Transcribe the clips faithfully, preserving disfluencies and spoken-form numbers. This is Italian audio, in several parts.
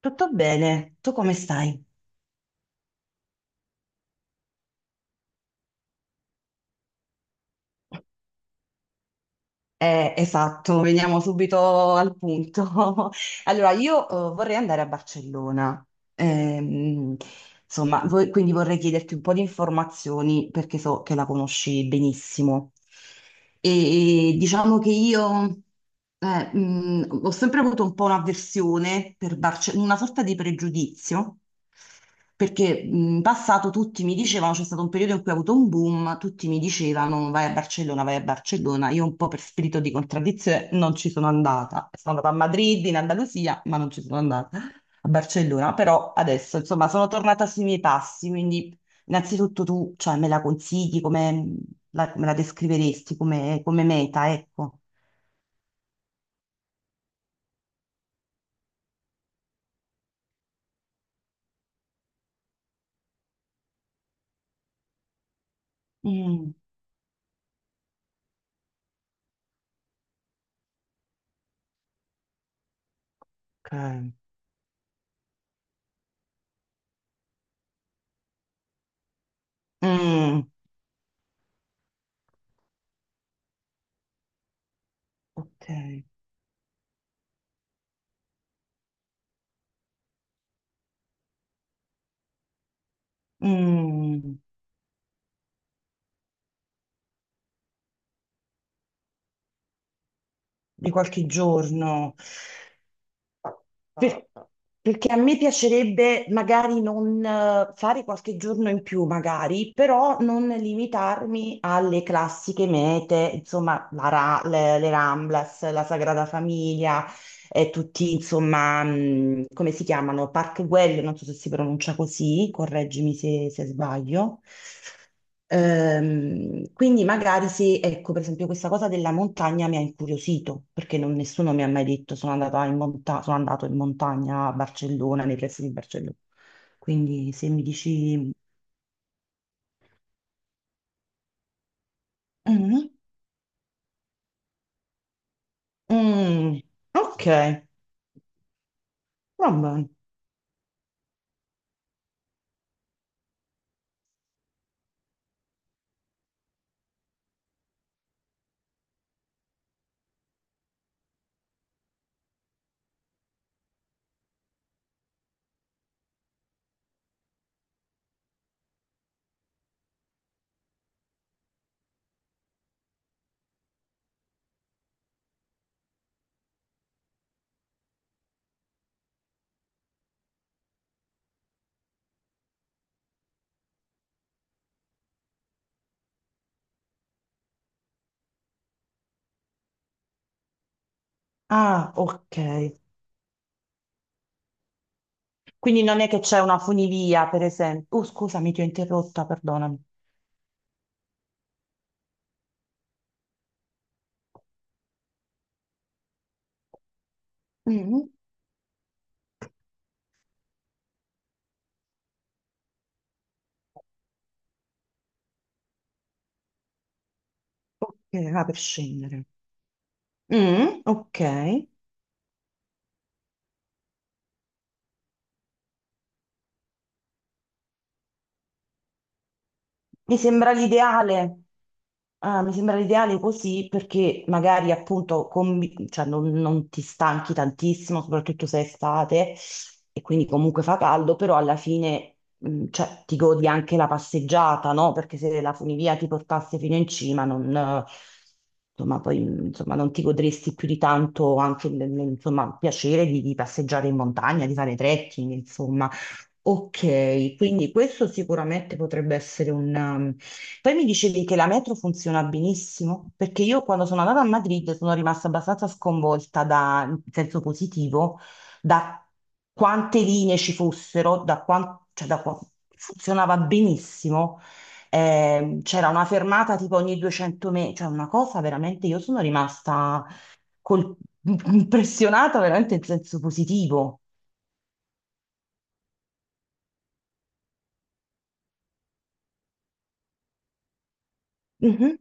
Tutto bene, tu come stai? Eh, esatto, veniamo subito al punto. Allora, io eh, vorrei andare a Barcellona. Ehm, insomma, vo- quindi vorrei chiederti un po' di informazioni perché so che la conosci benissimo. E diciamo che io eh, mh, ho sempre avuto un po' un'avversione per Barce- una sorta di pregiudizio. Perché mh, in passato tutti mi dicevano, c'è stato un periodo in cui ha avuto un boom, tutti mi dicevano vai a Barcellona, vai a Barcellona. Io un po' per spirito di contraddizione non ci sono andata. Sono andata a Madrid, in Andalusia, ma non ci sono andata a Barcellona, però adesso insomma sono tornata sui miei passi, quindi innanzitutto tu cioè, me la consigli, come mm, la, me la descriveresti come, come meta, ecco. Mm, ok. Mm, ok. Mm, di qualche giorno. Per- Perché a me piacerebbe magari non eh, fare qualche giorno in più, magari, però non limitarmi alle classiche mete, insomma, la Ra- le, le Ramblas, la Sagrada Famiglia, e tutti, insomma, mh, come si chiamano? Park Güell, non so se si pronuncia così, correggimi se se sbaglio. Ehm, quindi magari se, ecco, per esempio questa cosa della montagna mi ha incuriosito, perché non- nessuno mi ha mai detto sono andato in monta- sono andato in montagna a Barcellona, nei pressi di Barcellona. Quindi se mi dici... Mhm. Mm, ok, va bene. Ah, ok. Quindi non è che c'è una funivia, per esempio. Oh, scusami, ti ho interrotta, perdonami. Mm, ok, va per scendere. Mm, ok. Mi sembra l'ideale. Ah, mi sembra l'ideale così perché magari appunto combi- cioè, non, non ti stanchi tantissimo, soprattutto se è estate e quindi comunque fa caldo, però alla fine mh, cioè, ti godi anche la passeggiata, no? Perché se la funivia ti portasse fino in cima, non, eh, insomma, poi, mh, insomma, non ti godresti più di tanto anche il il- insomma, il piacere di, di passeggiare in montagna, di fare trekking, insomma. Ok, quindi questo sicuramente potrebbe essere, poi mi dicevi che la metro funziona benissimo, perché io quando sono andata a Madrid sono rimasta abbastanza sconvolta da, in senso positivo, da quante linee ci fossero, da quan- cioè da qua- funzionava benissimo. Ehm, c'era una fermata tipo ogni duecento metri, cioè una cosa veramente, io sono rimasta col- impressionata veramente in senso positivo. Mhm,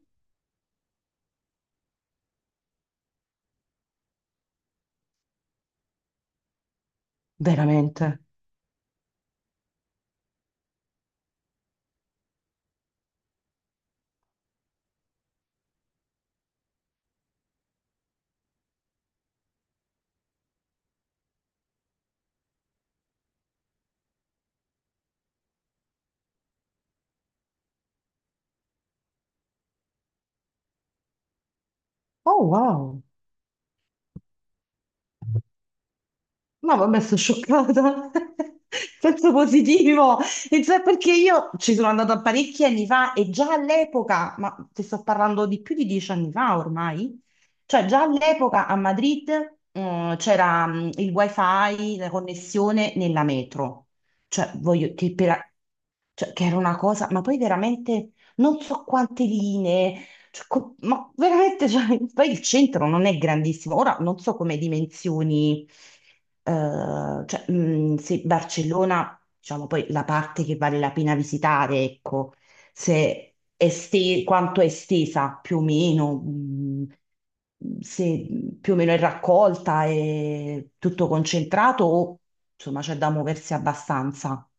veramente. Oh, wow. No, vabbè, sono scioccata. Senso positivo. E cioè, perché io ci sono andata parecchi anni fa e già all'epoca, ma ti sto parlando di più di dieci anni fa ormai, cioè già all'epoca a Madrid, eh, c'era mh, il wifi, la connessione nella metro. Cioè, voglio che per, cioè, che era una cosa, ma poi veramente non so quante linee, cioè, co- ma veramente, cioè, poi il centro non è grandissimo. Ora non so come dimensioni, eh, cioè, mh, se Barcellona, diciamo poi la parte che vale la pena visitare, ecco, se è este- quanto è estesa più o meno, mh, se più o meno è raccolta, è tutto concentrato o insomma c'è da muoversi abbastanza.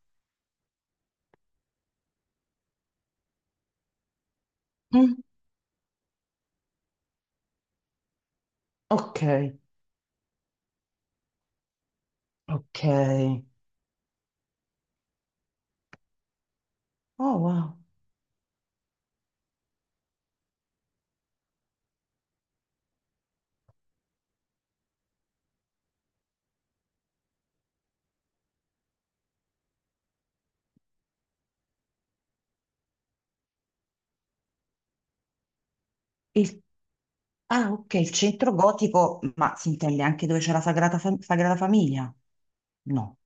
Mm. Ok, ok. Oh, wow. Il- Ah, ok, il centro gotico, ma si intende anche dove c'è la Sagrada, Fam- Sagrada Famiglia? No,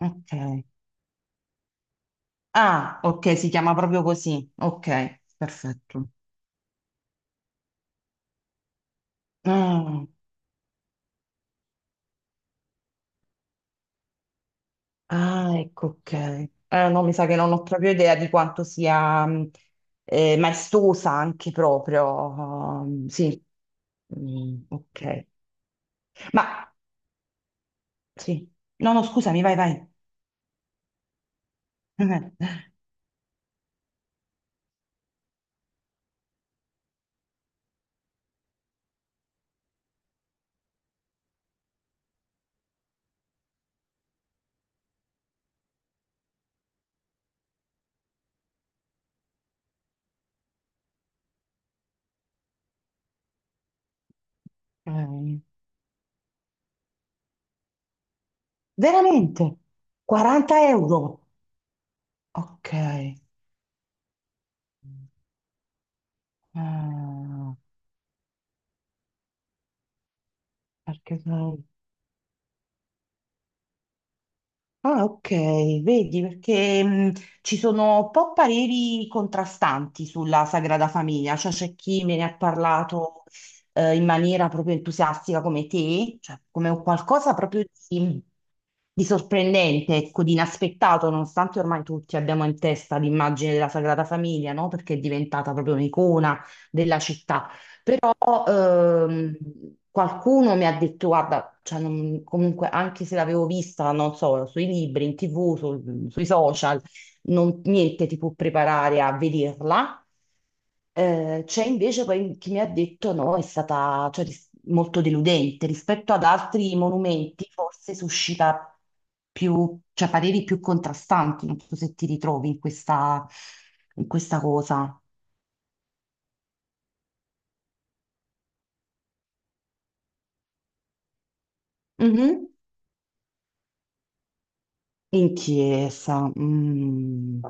ok. Ah, ok, si chiama proprio così. Ok, perfetto. Ah, ah, ecco, ok. Eh, no, mi sa che non ho proprio idea di quanto sia mh, eh, maestosa anche proprio. Ehm, sì. Mm, ok. Ma sì, no, no, scusami, vai, vai. Eh, veramente? quaranta euro? Ok. Ah, perché... non- Ah, ok, vedi, perché mh, ci sono un po' pareri contrastanti sulla Sagrada Famiglia, cioè c'è chi me ne ha parlato eh, in maniera proprio entusiastica come te, cioè come un qualcosa proprio di, di sorprendente, ecco, di inaspettato, nonostante ormai tutti abbiamo in testa l'immagine della Sagrada Famiglia, no? Perché è diventata proprio un'icona della città. Però ehm, qualcuno mi ha detto, guarda, cioè, non- comunque anche se l'avevo vista, non so, sui libri, in T V, sul- sui social, non- niente ti può preparare a vederla. Eh, c'è invece poi chi mi ha detto no, è stata cioè, ris- molto deludente rispetto ad altri monumenti, forse suscita più, cioè, pareri più contrastanti. Non so se ti ritrovi in questa, in questa cosa. Mhm. In chiesa. Mm.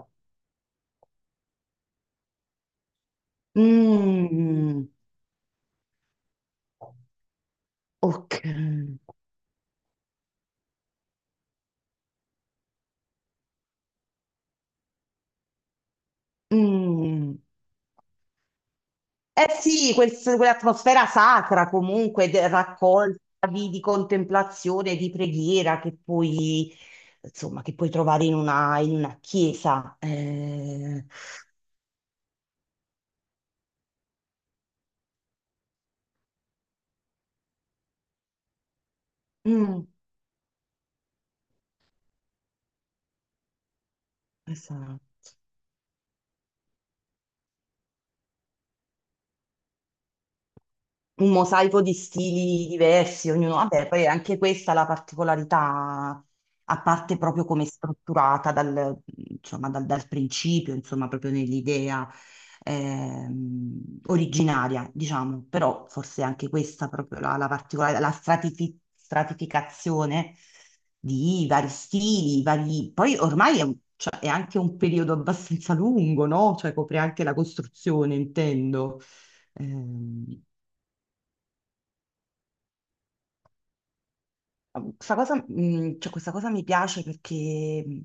Mm. Ok. Mm. Eh sì, quel- quell'atmosfera sacra comunque de- raccolta di, di contemplazione, di preghiera che puoi, insomma, che puoi trovare in una, in una chiesa. Eh, mm, esatto. Un mosaico di stili diversi, ognuno, vabbè, poi è anche questa è la particolarità, a parte proprio come è strutturata dal, insomma, dal, dal principio, insomma, proprio nell'idea ehm, originaria, diciamo, però forse anche questa proprio la, la particolare, la stratifi- stratificazione di vari stili, vari... poi ormai è, un- cioè, è anche un periodo abbastanza lungo, no? Cioè copre anche la costruzione, intendo. Ehm, Questa cosa, mh, cioè, questa cosa mi piace perché mh,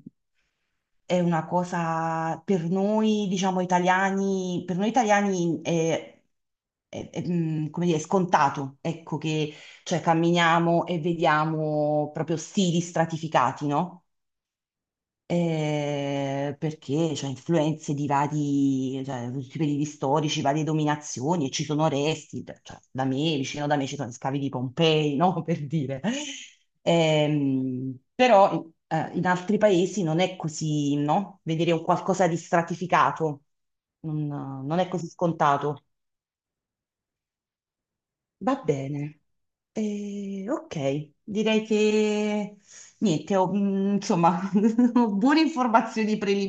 è una cosa per noi, diciamo, italiani, per noi italiani è, è- è, mh, come dire, scontato, ecco, che cioè, camminiamo e vediamo proprio stili stratificati, no? Eh, perché c'è influenze di vari, cioè, tutti i periodi storici, varie dominazioni, e ci sono resti, cioè, da me, vicino da me ci sono scavi di Pompei, no? Per dire. Ehm, però eh, in altri paesi non è così, no? Vedere un qualcosa di stratificato non, non è così scontato. Va bene. Eh, ok, direi che niente, ho, mm, insomma, ho buone informazioni preliminari.